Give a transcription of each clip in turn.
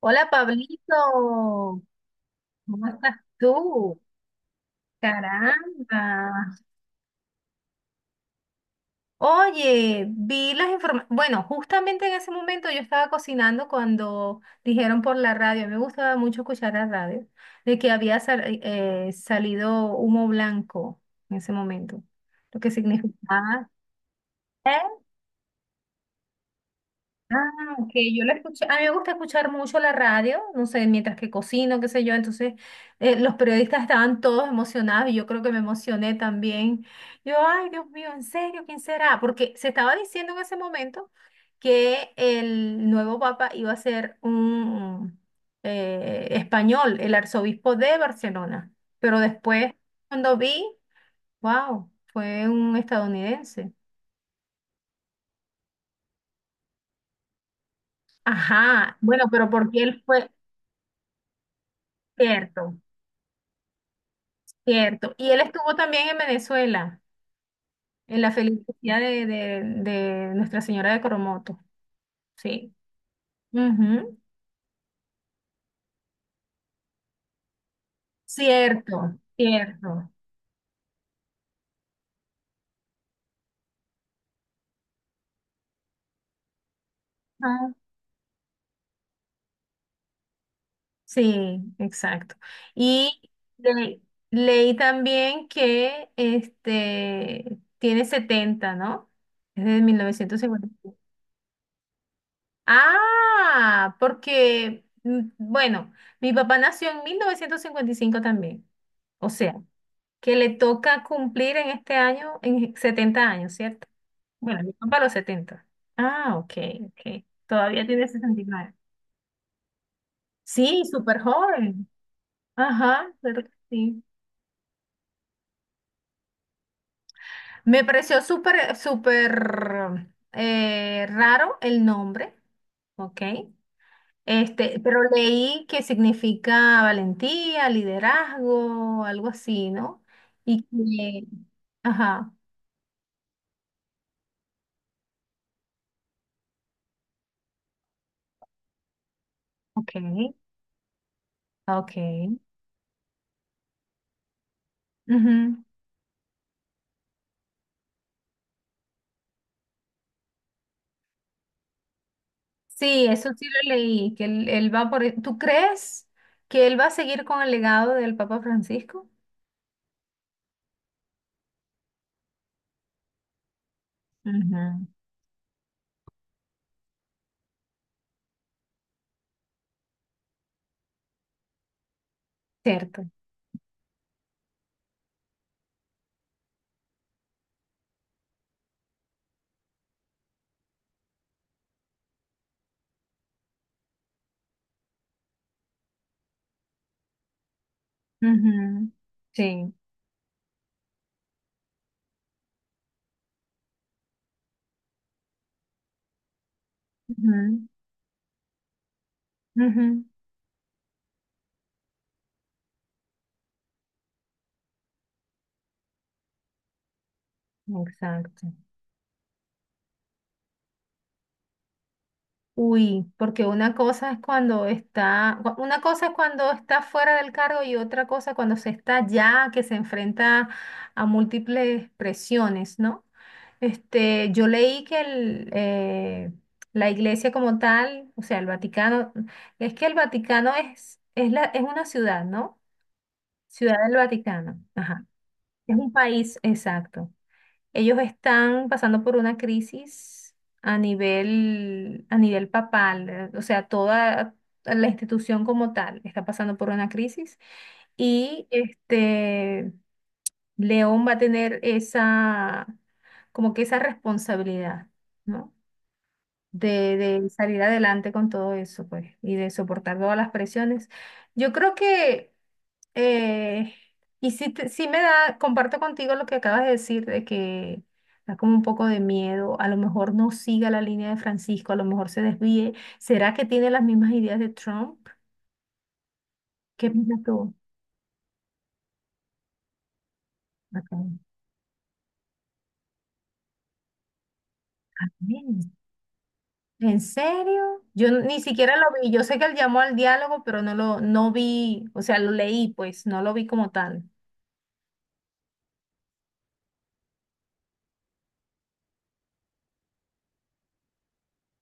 Hola Pablito, ¿cómo estás tú? Caramba. Oye, vi las informaciones. Bueno, justamente en ese momento yo estaba cocinando cuando dijeron por la radio, a mí me gustaba mucho escuchar la radio, de que había salido humo blanco en ese momento, lo que significaba. ¿Eh? Ah, ok, yo la escuché. A mí me gusta escuchar mucho la radio, no sé, mientras que cocino, qué sé yo. Entonces, los periodistas estaban todos emocionados y yo creo que me emocioné también. Yo, ay, Dios mío, ¿en serio? ¿Quién será? Porque se estaba diciendo en ese momento que el nuevo papa iba a ser un español, el arzobispo de Barcelona. Pero después, cuando vi, wow, fue un estadounidense. Ajá, bueno, pero porque él fue cierto. Cierto. Y él estuvo también en Venezuela, en la felicidad de, de Nuestra Señora de Coromoto. Sí. Ujú. Cierto, cierto. Ah, sí, exacto. Y le- leí también que este tiene 70, ¿no? Es de 1950. Ah, porque, bueno, mi papá nació en 1955 también. O sea, que le toca cumplir en este año, en 70 años, ¿cierto? Bueno, mi papá los 70. Ah, ok, ok. Todavía tiene 69. Sí, súper joven. Ajá, claro que sí. Me pareció súper, súper raro el nombre, ¿ok? Este, pero leí que significa valentía, liderazgo, algo así, ¿no? Y que, ajá, ok, ok. Ujú. Sí, eso sí lo leí, que él, él va por. ¿Tú crees que él va a seguir con el legado del Papa Francisco? Ujú. Cierto. Ujú. Sí. Ujú, ujú. Exacto. Uy, porque una cosa es cuando está, una cosa es cuando está fuera del cargo y otra cosa cuando se está ya, que se enfrenta a múltiples presiones, ¿no? Este, yo leí que la iglesia como tal, o sea, el Vaticano, es que el Vaticano es la, es una ciudad, ¿no? Ciudad del Vaticano, ajá. Es un país, exacto. Ellos están pasando por una crisis a nivel papal, o sea, toda la institución como tal está pasando por una crisis y este León va a tener esa, como que esa responsabilidad, ¿no? De salir adelante con todo eso, pues, y de soportar todas las presiones. Yo creo que eh, y sí, sí me da, comparto contigo lo que acabas de decir, de que da como un poco de miedo, a lo mejor no siga la línea de Francisco, a lo mejor se desvíe. ¿Será que tiene las mismas ideas de Trump? ¿Qué piensas tú? Acá. Mm. ¿En serio? Yo ni siquiera lo vi, yo sé que él llamó al diálogo, pero no vi, o sea, lo leí, pues, no lo vi como tal.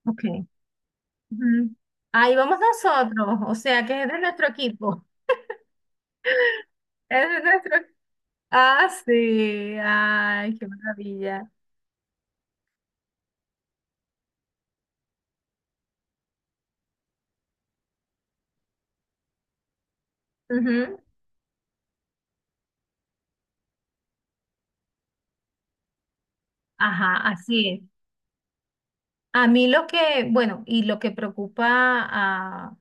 Ok. Ujú. Ahí vamos nosotros, o sea, que es de nuestro equipo, es de nuestro. Ah, sí, ay, qué maravilla. Ujú. Ajá, así es. A mí lo que, bueno, y lo que preocupa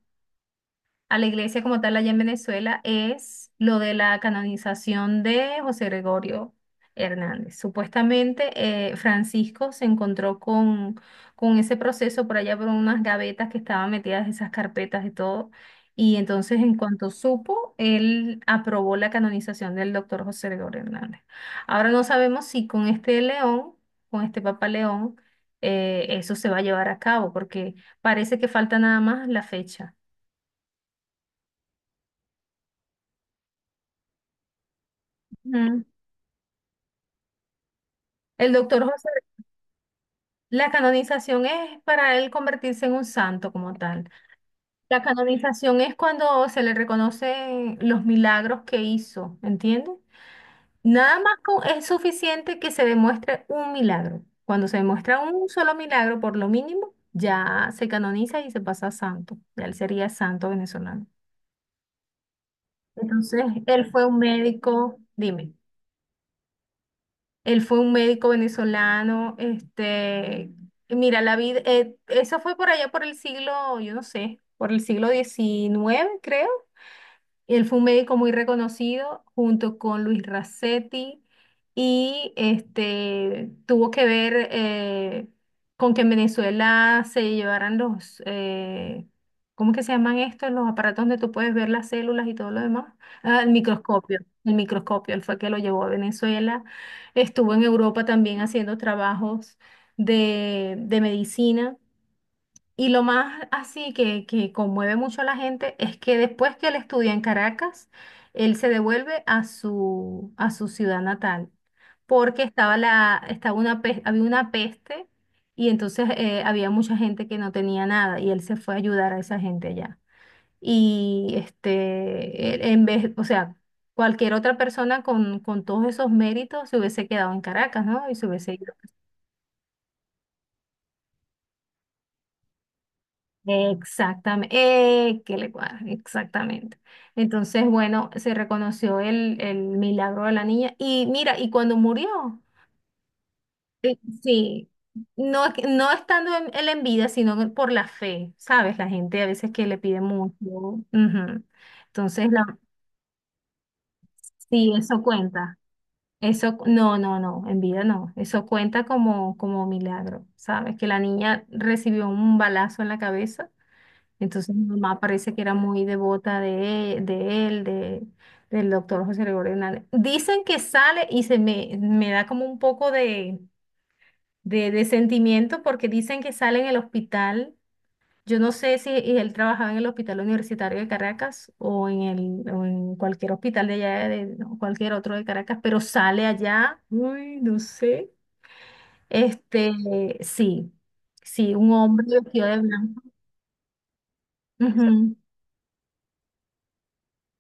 a la iglesia como tal allá en Venezuela es lo de la canonización de José Gregorio Hernández. Supuestamente Francisco se encontró con ese proceso por allá por unas gavetas que estaban metidas esas carpetas y todo. Y entonces en cuanto supo, él aprobó la canonización del doctor José Gregorio Hernández. Ahora no sabemos si con este León, con este Papa León, eso se va a llevar a cabo, porque parece que falta nada más la fecha. Ujú. El doctor José, la canonización es para él convertirse en un santo como tal. La canonización es cuando se le reconocen los milagros que hizo, ¿entiendes? Nada más es suficiente que se demuestre un milagro. Cuando se demuestra un solo milagro, por lo mínimo, ya se canoniza y se pasa a santo. Ya él sería santo venezolano. Entonces, él fue un médico, dime. Él fue un médico venezolano, este, mira, la vida, eso fue por allá por el siglo, yo no sé, por el siglo XIX, creo. Él fue un médico muy reconocido junto con Luis Racetti y este, tuvo que ver con que en Venezuela se llevaran los, ¿cómo que se llaman estos? Los aparatos donde tú puedes ver las células y todo lo demás. Ah, el microscopio, él fue que lo llevó a Venezuela. Estuvo en Europa también haciendo trabajos de medicina. Y lo más así que conmueve mucho a la gente es que después que él estudia en Caracas, él se devuelve a su, ciudad natal, porque estaba la, estaba una, había una peste y entonces había mucha gente que no tenía nada y él se fue a ayudar a esa gente allá. Y este, en vez, o sea, cualquier otra persona con todos esos méritos se hubiese quedado en Caracas, ¿no? Y se hubiese ido. Exactamente, que le cuadra, exactamente. Entonces, bueno, se reconoció el milagro de la niña. Y mira, y cuando murió, eh, sí, no, no estando él en vida, sino que por la fe, ¿sabes? La gente a veces que le pide mucho. Ujú. Entonces, sí, eso cuenta. Eso, no, no, no, en vida no. Eso cuenta como milagro, ¿sabes? Que la niña recibió un balazo en la cabeza. Entonces mi mamá parece que era muy devota de él, del doctor José Gregorio Hernández. Dicen que sale y me da como un poco de, sentimiento porque dicen que sale en el hospital. Yo no sé si él trabajaba en el Hospital Universitario de Caracas o o en cualquier hospital de allá, o cualquier otro de Caracas, pero sale allá. Uy, no sé. Este, sí, sí, un hombre vestido de blanco. Ujú.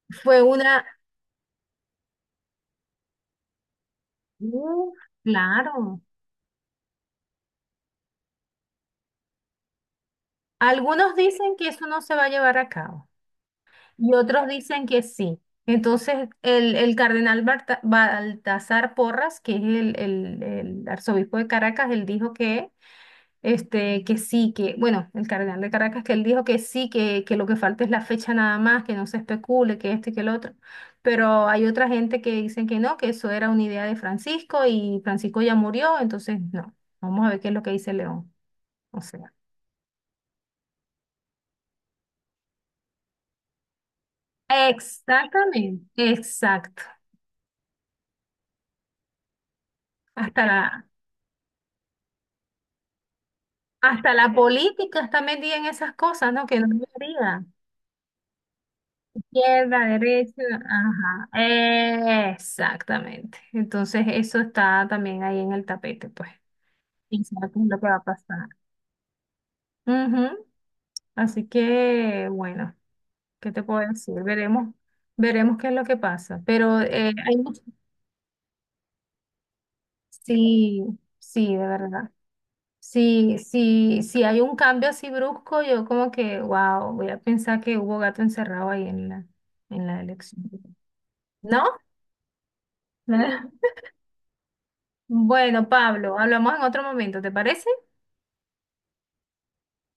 Fue una. Uh, claro. Algunos dicen que eso no se va a llevar a cabo y otros dicen que sí. Entonces, el cardenal Baltasar Porras, que es el, el arzobispo de Caracas, él dijo que, este, que sí, que, bueno, el cardenal de Caracas, que él dijo que sí, que lo que falta es la fecha nada más, que no se especule, que esto y que el otro. Pero hay otra gente que dicen que no, que eso era una idea de Francisco y Francisco ya murió, entonces no. Vamos a ver qué es lo que dice León. Exactamente, exacto. Hasta la, hasta la política está metida en esas cosas, ¿no? Que no debería. Izquierda, derecha, ajá. Exactamente. Entonces eso está también ahí en el tapete, pues. Y sabe qué es lo que va a pasar. Ujú. Así que, bueno, ¿qué te puedo decir? Veremos qué es lo que pasa. Pero hay mucho. Sí, sí, de verdad. Si hay un cambio así brusco, yo como que, wow, voy a pensar que hubo gato encerrado ahí en la, elección. ¿No? Bueno, Pablo, hablamos en otro momento, ¿te parece?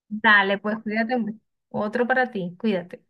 Dale, pues cuídate mucho. Otro para ti, cuídate.